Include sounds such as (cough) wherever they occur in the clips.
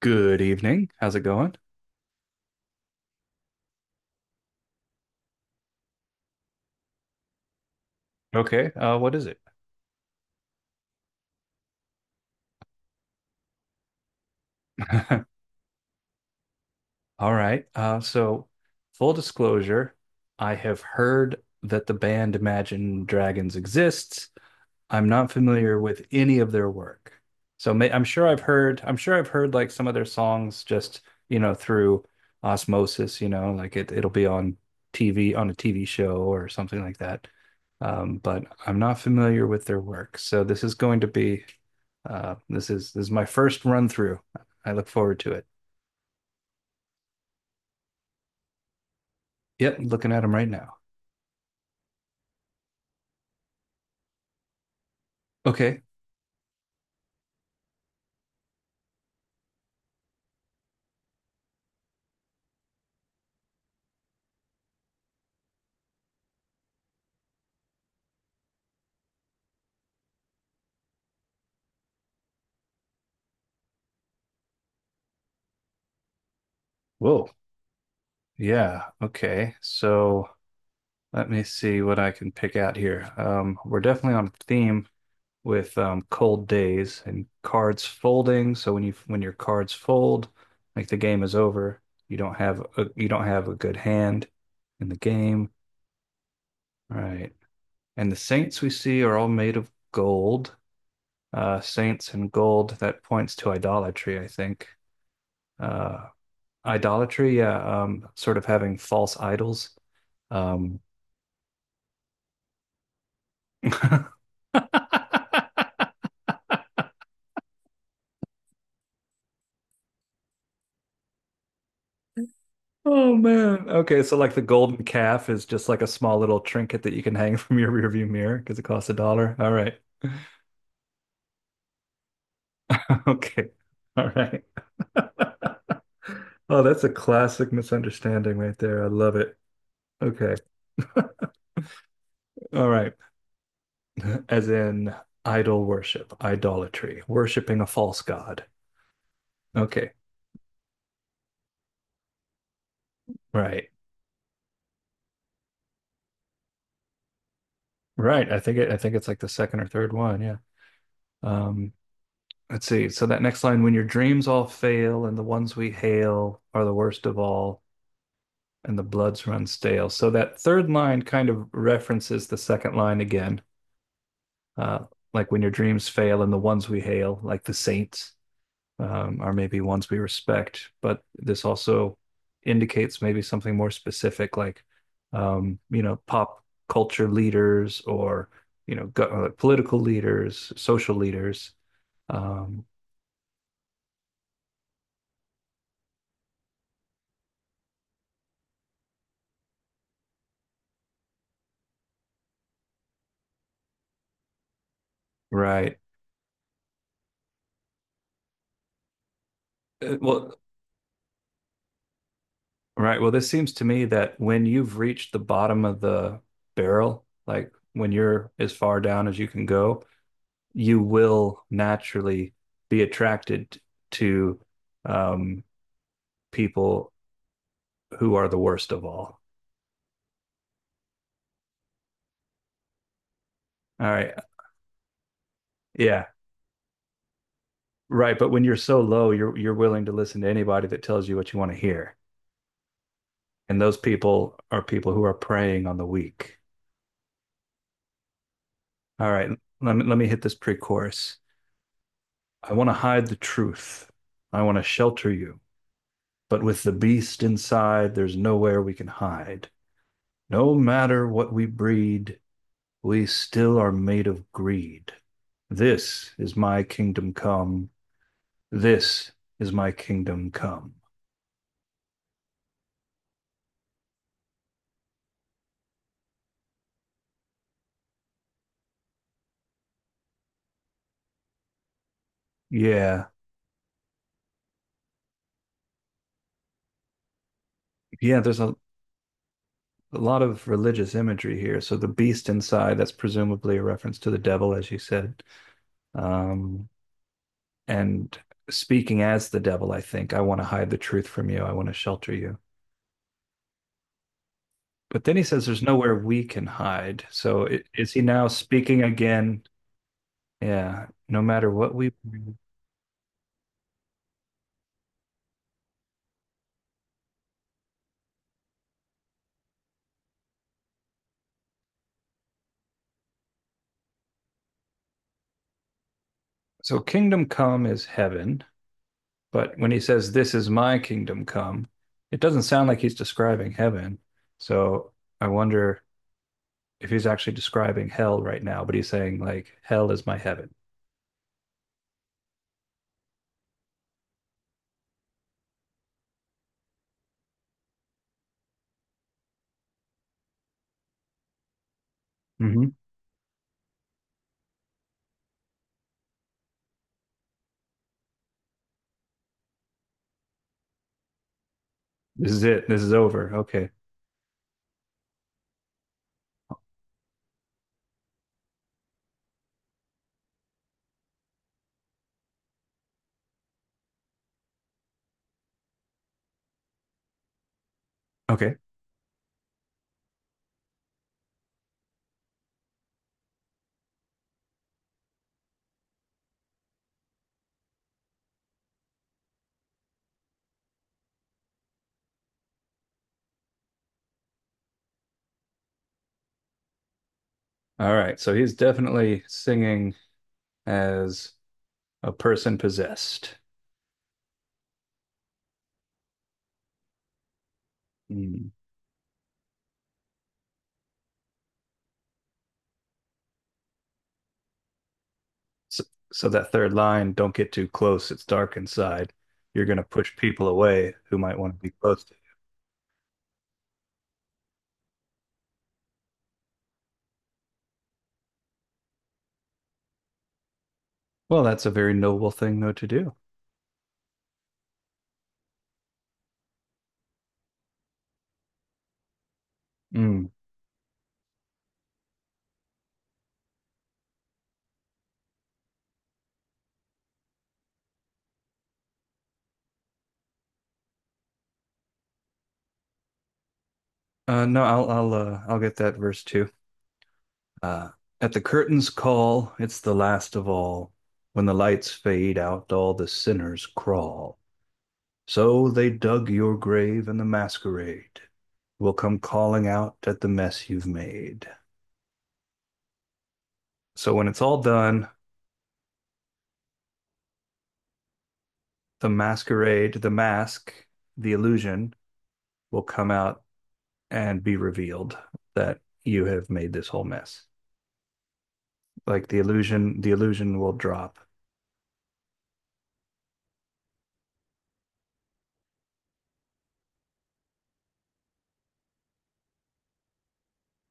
Good evening. How's it going? Okay, what is it? (laughs) All right. Full disclosure, I have heard that the band Imagine Dragons exists. I'm not familiar with any of their work. So may I'm sure I've heard, I'm sure I've heard like some of their songs just, through osmosis, like it'll be on TV, on a TV show or something like that. But I'm not familiar with their work. So this is going to be. This is my first run through. I look forward to it. Yep, looking at them right now. Okay. Whoa. Yeah. Okay. So let me see what I can pick out here. We're definitely on theme with cold days and cards folding. So when your cards fold, like the game is over. You don't have a, you don't have a good hand in the game. All right. And the saints we see are all made of gold. Saints and gold, that points to idolatry, I think. uh, idolatry, yeah, sort of having false idols. Um, (laughs) oh man. Okay, so like the golden calf is just like a small little trinket that you can hang (laughs) from your rearview mirror because it costs a dollar. All right. (laughs) Okay. All right. (laughs) Oh, that's a classic misunderstanding right there. I love it. Okay. (laughs) All right. As in idol worship, idolatry, worshiping a false god. Okay. Right. Right. I think it's like the second or third one. Yeah. Um, let's see. So that next line, when your dreams all fail and the ones we hail are the worst of all and the bloods run stale. So that third line kind of references the second line again. Uh, like when your dreams fail and the ones we hail, like the saints. Are maybe ones we respect, but this also indicates maybe something more specific, like you know, pop culture leaders or political leaders, social leaders. Um, right. Uh, Well, right. Well, this seems to me that when you've reached the bottom of the barrel, like when you're as far down as you can go, you will naturally be attracted to um, people who are the worst of all. All right. Yeah. Right. But when you're so low, you're willing to listen to anybody that tells you what you want to hear. And those people are people who are preying on the weak. All right. Let me hit this pre-chorus. I want to hide the truth. I want to shelter you. But with the beast inside, there's nowhere we can hide. No matter what we breed, we still are made of greed. This is my kingdom come. This is my kingdom come. Yeah, Yeah, there's a, a lot of religious imagery here. So the beast inside, that's presumably a reference to the devil, as you said. Um, and speaking as the devil, I think, I want to hide the truth from you. I want to shelter you. But then he says there's nowhere we can hide. So is he now speaking again? Yeah, no matter what we. So kingdom come is heaven. But when he says, this is my kingdom come, it doesn't sound like he's describing heaven. So I wonder if he's actually describing hell right now, but he's saying like hell is my heaven. Mm-hmm. This is it. This is over. Okay. Okay. All right. So he's definitely singing as a person possessed. Mm. So so that third line, don't get too close, it's dark inside. You're going to push people away who might want to be close to you. Well, that's a very noble thing though to do. Mm. No, I'll get that verse too. Uh, at the curtain's call, it's the last of all. When the lights fade out, all the sinners crawl. So they dug your grave and the masquerade will come calling out at the mess you've made. So when it's all done, the masquerade, the mask, the illusion will come out and be revealed that you have made this whole mess. Like the illusion will drop.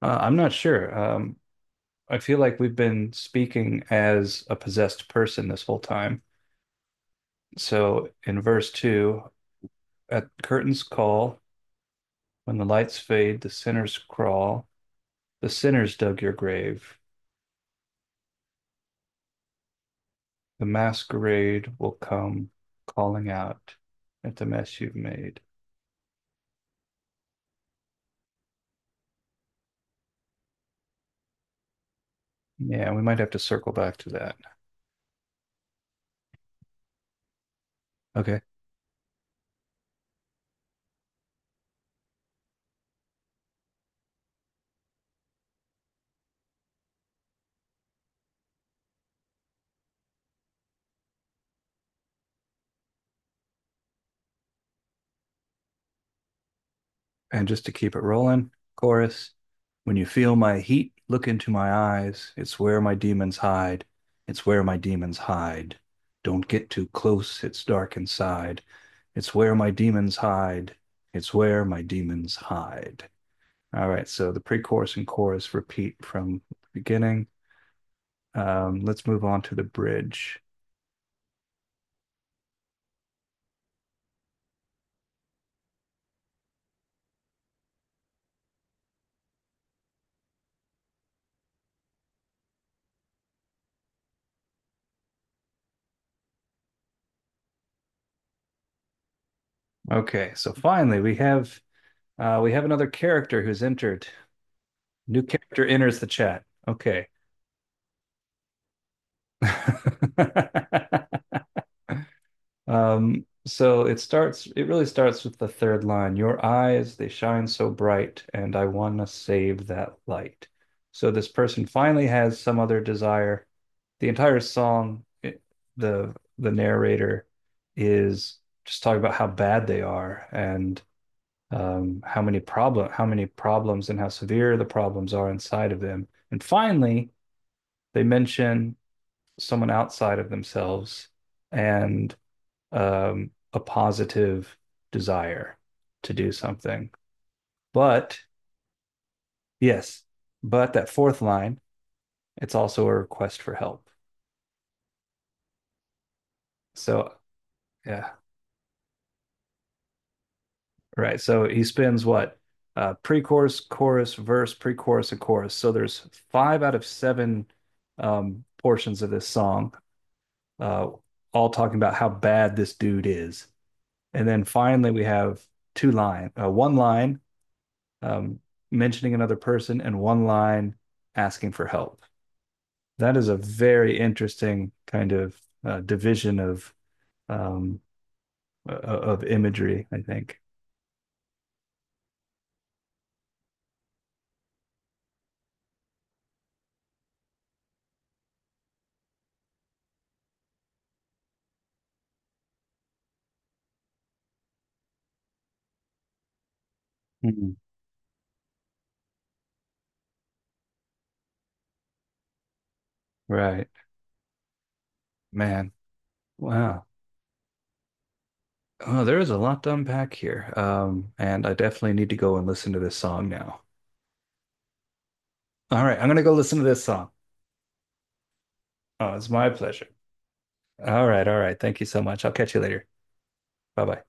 I'm not sure. I feel like we've been speaking as a possessed person this whole time. So in verse two, at curtains call, when the lights fade, the sinners crawl, the sinners dug your grave. The masquerade will come calling out at the mess you've made. Yeah, we might have to circle back to that. Okay. And just to keep it rolling, chorus. When you feel my heat, look into my eyes. It's where my demons hide. It's where my demons hide. Don't get too close, it's dark inside. It's where my demons hide. It's where my demons hide. All right, so the pre chorus and chorus repeat from the beginning. Let's move on to the bridge. Okay, so finally we have another character who's entered. New character enters the chat. Okay, (laughs) it really starts with the third line. Your eyes, they shine so bright, and I want to save that light. So this person finally has some other desire. The entire song, it, The narrator is just talking about how bad they are and how many problems and how severe the problems are inside of them. And finally, they mention someone outside of themselves and a positive desire to do something. But yes, but that fourth line, it's also a request for help. So, yeah, right. So he spins what? Pre-chorus, chorus, verse, pre-chorus, and chorus. So there's five out of seven portions of this song, uh, all talking about how bad this dude is. And then finally, we have one line um, mentioning another person, and one line asking for help. That is a very interesting kind of division um, of imagery, I think. Mhm. Right. Man. Wow. Oh, there is a lot to unpack here. And I definitely need to go and listen to this song now. All right, I'm gonna go listen to this song. Oh, it's my pleasure. All right, all right. Thank you so much. I'll catch you later. Bye bye.